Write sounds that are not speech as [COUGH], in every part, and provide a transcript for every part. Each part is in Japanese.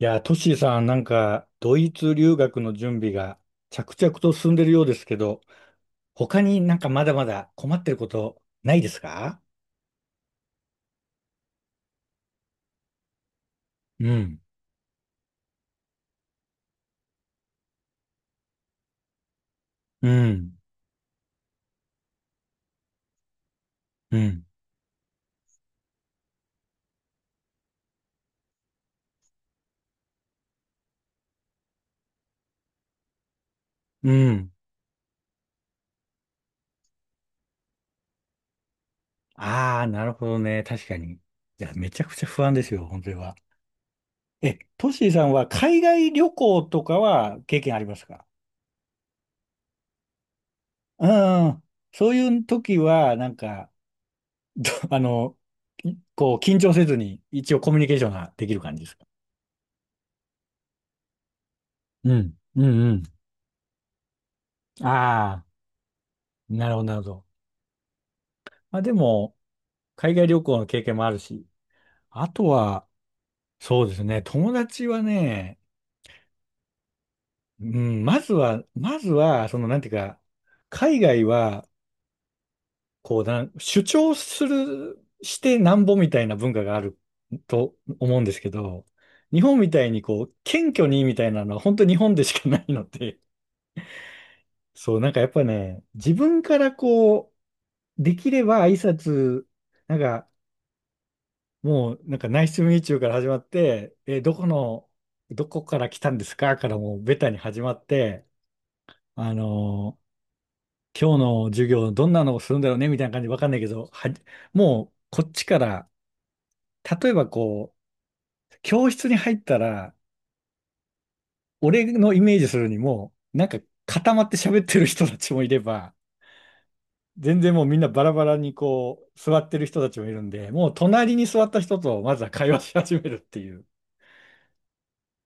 いや、トッシーさん、なんか、ドイツ留学の準備が着々と進んでるようですけど、他になんかまだまだ困ってることないですか？うん、うん、うん、うん。ああ、なるほどね。確かに。いや、めちゃくちゃ不安ですよ、本当には。え、トッシーさんは海外旅行とかは経験ありますか？うん。そういう時は、なんか、[LAUGHS] あの、いこう、緊張せずに一応コミュニケーションができる感じですか？うん、うん、うん。ああ。なるほど、なるほど。まあでも、海外旅行の経験もあるし、あとは、そうですね、友達はね、うん、まずは、その、なんていうか、海外は、こうなん、主張する、してなんぼみたいな文化があると思うんですけど、日本みたいにこう、謙虚にみたいなのは本当日本でしかないので、[LAUGHS] そう、なんかやっぱね、自分からこう、できれば挨拶、なんか、もうなんかナイスミーチューから始まって、え、どこの、どこから来たんですかからもうベタに始まって、あのー今日の授業どんなのをするんだろうねみたいな感じわかんないけど、もうこっちから、例えばこう、教室に入ったら、俺のイメージするにも、なんか固まって喋ってる人たちもいれば、全然もうみんなバラバラにこう、座ってる人たちもいるんで、もう隣に座った人とまずは会話し始めるっていう、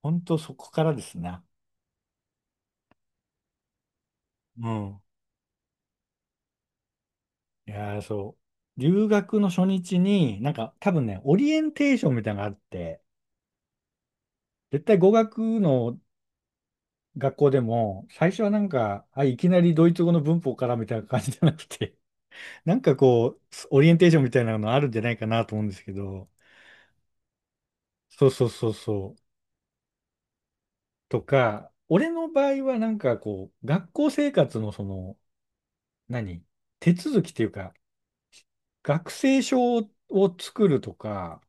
本当そこからですな。うん。いやー、そう。留学の初日に、なんか多分ね、オリエンテーションみたいなのがあって、絶対語学の学校でも、最初はなんか、あ、いきなりドイツ語の文法からみたいな感じじゃなくて、[LAUGHS] なんかこう、オリエンテーションみたいなのあるんじゃないかなと思うんですけど、そうそうそうそう。とか、俺の場合はなんかこう、学校生活のその、何手続きっていうか、学生証を作るとか、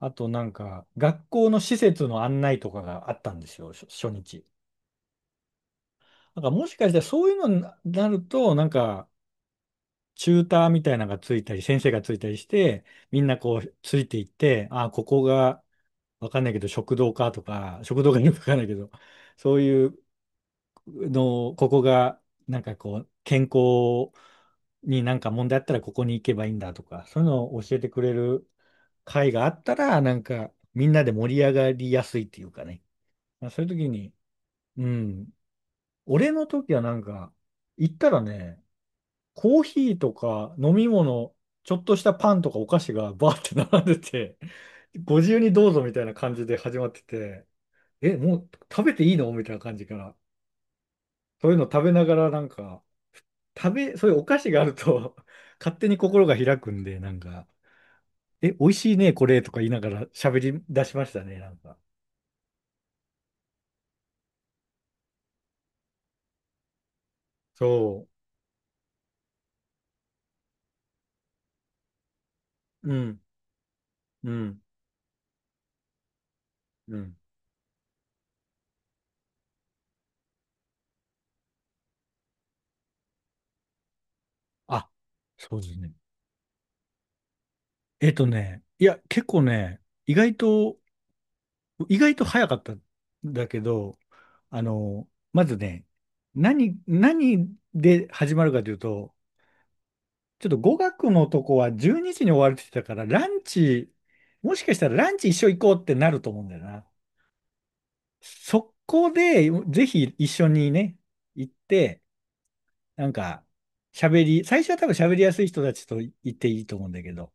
あとなんか、学校の施設の案内とかがあったんですよ、初日。なんかもしかしたらそういうのになると、なんか、チューターみたいなのがついたり、先生がついたりして、みんなこう、ついていって、ああ、ここが、わかんないけど、食堂かとか、食堂がよくわかんないけど、そういうの、ここが、なんかこう、健康になんか問題あったら、ここに行けばいいんだとか、そういうのを教えてくれる会があったら、なんか、みんなで盛り上がりやすいっていうかね。まあ、そういう時に、うん、俺の時はなんか、行ったらね、コーヒーとか飲み物、ちょっとしたパンとかお菓子がバーって並んでて、ご自由にどうぞみたいな感じで始まってて、え、もう食べていいのみたいな感じから。そういうの食べながらなんか、そういうお菓子があると [LAUGHS] 勝手に心が開くんで、なんか、え、美味しいね、これとか言いながら喋り出しましたね、なんか。そう。うん、うん、うん。あ、そうですね。いや、結構ね、意外と早かったんだけど、あの、まずね、何で始まるかというと、ちょっと語学のとこは12時にじに終わるって言ってたから、ランチ、もしかしたらランチ一緒行こうってなると思うんだよな。そこで、ぜひ一緒にね、行って、なんか、最初は多分喋りやすい人たちと行っていいと思うんだけど、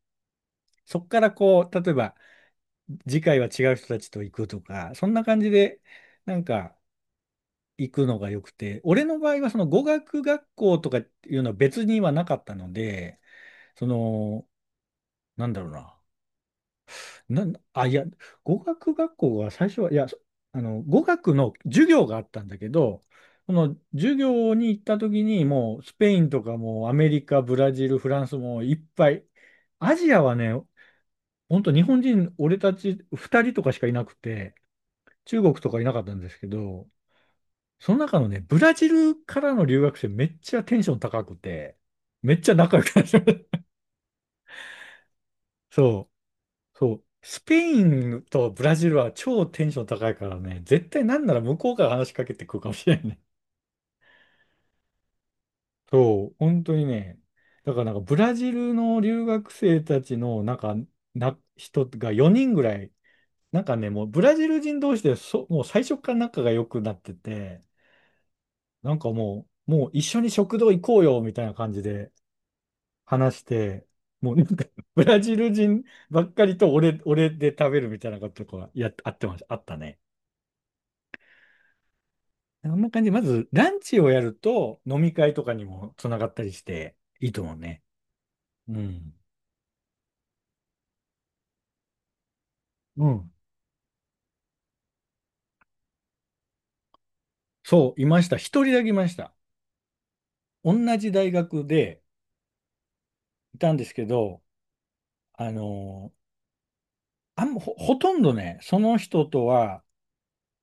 そこからこう、例えば、次回は違う人たちと行くとか、そんな感じで、なんか行くのが良くて、俺の場合はその語学学校とかっていうのは別にはなかったので、その、なんだろうな。いや、語学学校は最初は、いや、そあの、語学の授業があったんだけど、その授業に行った時にもうスペインとかもうアメリカ、ブラジル、フランスもいっぱい、アジアはね、本当日本人、俺たち2人とかしかいなくて、中国とかいなかったんですけど、その中のね、ブラジルからの留学生めっちゃテンション高くて、めっちゃ仲良くなる。[LAUGHS] そう、そう。スペインとブラジルは超テンション高いからね、絶対なんなら向こうから話しかけてくるかもしれないね。そう、本当にね。だからなんかブラジルの留学生たちのなんか、人が4人ぐらい、なんかね、もうブラジル人同士でもう最初から仲が良くなってて、なんかもう、もう一緒に食堂行こうよみたいな感じで話して、もうなんか [LAUGHS] ブラジル人ばっかりと俺、[LAUGHS] 俺で食べるみたいなことがあってました、あったね。そんな感じで、まずランチをやると飲み会とかにもつながったりしていいと思うね。うん。うん。そう、いました。一人だけいました。同じ大学でいたんですけど、あのーほとんどね、その人とは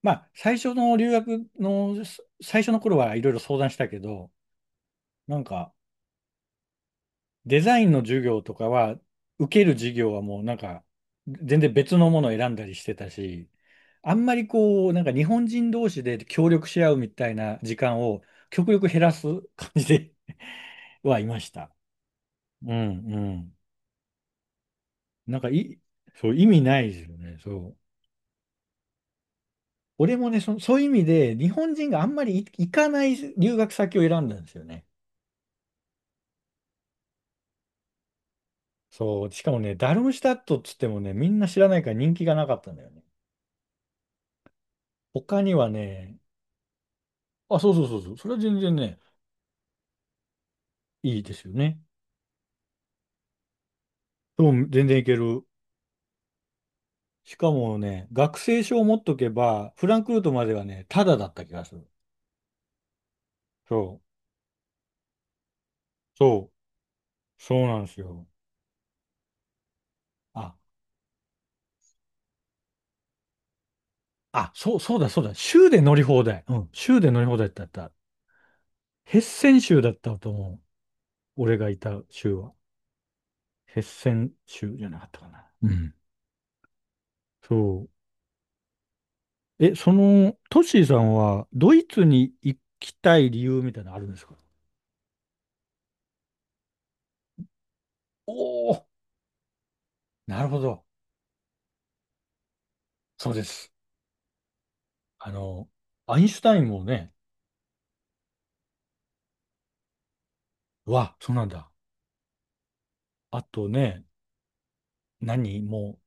まあ、最初の留学の、最初の頃はいろいろ相談したけど、なんか、デザインの授業とかは、受ける授業はもうなんか、全然別のものを選んだりしてたし、あんまりこう、なんか日本人同士で協力し合うみたいな時間を極力減らす感じで [LAUGHS] はいました。うん、うん。なんかい、そう、意味ないですよね、そう。俺もね、そういう意味で、日本人があんまり行かない留学先を選んだんですよね。そう、しかもね、ダルムシュタットっつってもね、みんな知らないから人気がなかったんだよね。他にはね、あ、そうそうそうそう、それは全然ね、いいですよね。そう、全然いける。しかもね、学生証を持っとけば、フランクフルトまではね、タダだった気がする。そう、そう、そうなんですよ。あ、あ、そう、そうだ、そうだ、州で乗り放題。うん、州で乗り放題だった。ヘッセン州だったと思う。俺がいた州は。ヘッセン州じゃなかったかな。うん。そう。え、その、トッシーさんは、ドイツに行きたい理由みたいなのあるんですか？おおー、なるほど。そうです。あの、アインシュタインもね、うわ、そうなんだ。あとね、も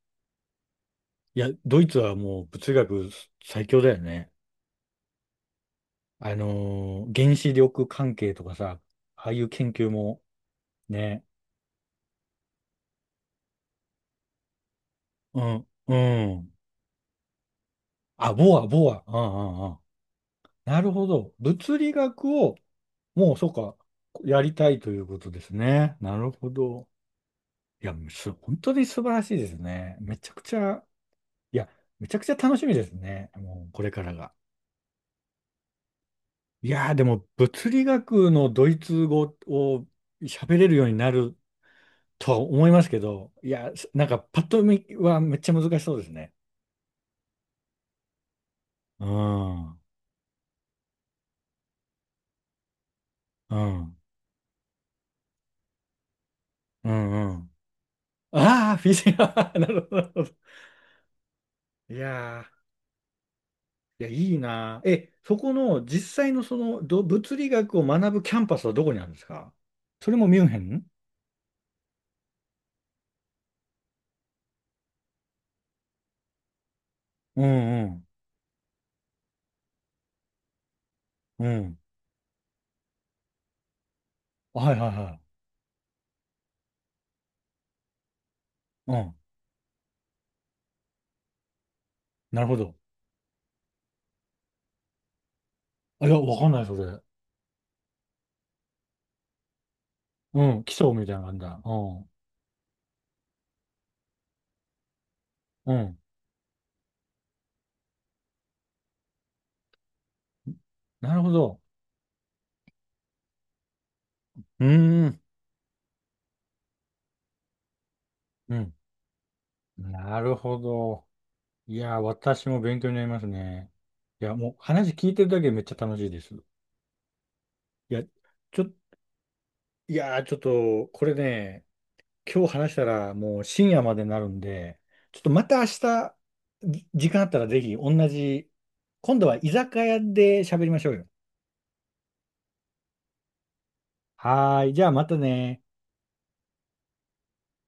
う、いや、ドイツはもう物理学最強だよね。原子力関係とかさ、ああいう研究も、ね、うん、うん。あ、ボア、ボア、うん、うん、うん。なるほど。物理学をもう、そうか。やりたいということですね。なるほど。いや、本当に素晴らしいですね。めちゃくちゃ、いや、めちゃくちゃ楽しみですね。もう、これからが。いやー、でも、物理学のドイツ語を喋れるようになるとは思いますけど、いや、なんか、パッと見はめっちゃ難しそうですね。うん、うん、うん、うん。ああ、フィジカル、[LAUGHS] なるほど。なるほど。いやー。いや、いいな。え、そこの実際のその物理学を学ぶキャンパスはどこにあるんですか？それもミュンヘン。うんうん。うん。はいはいはい。うん。なるほど。あ、いや、わかんない、それ。うん。基礎みたいな感じだ。うん。うん。なるほど。うーん。うん。なるほど。いや、私も勉強になりますね。いや、もう話聞いてるだけでめっちゃ楽しいです。いや、ちょ、いや、ちょっと、これね、今日話したらもう深夜までになるんで、ちょっとまた明日、時間あったらぜひ同じ、今度は居酒屋で喋りましょうよ。はーい、じゃあまたね。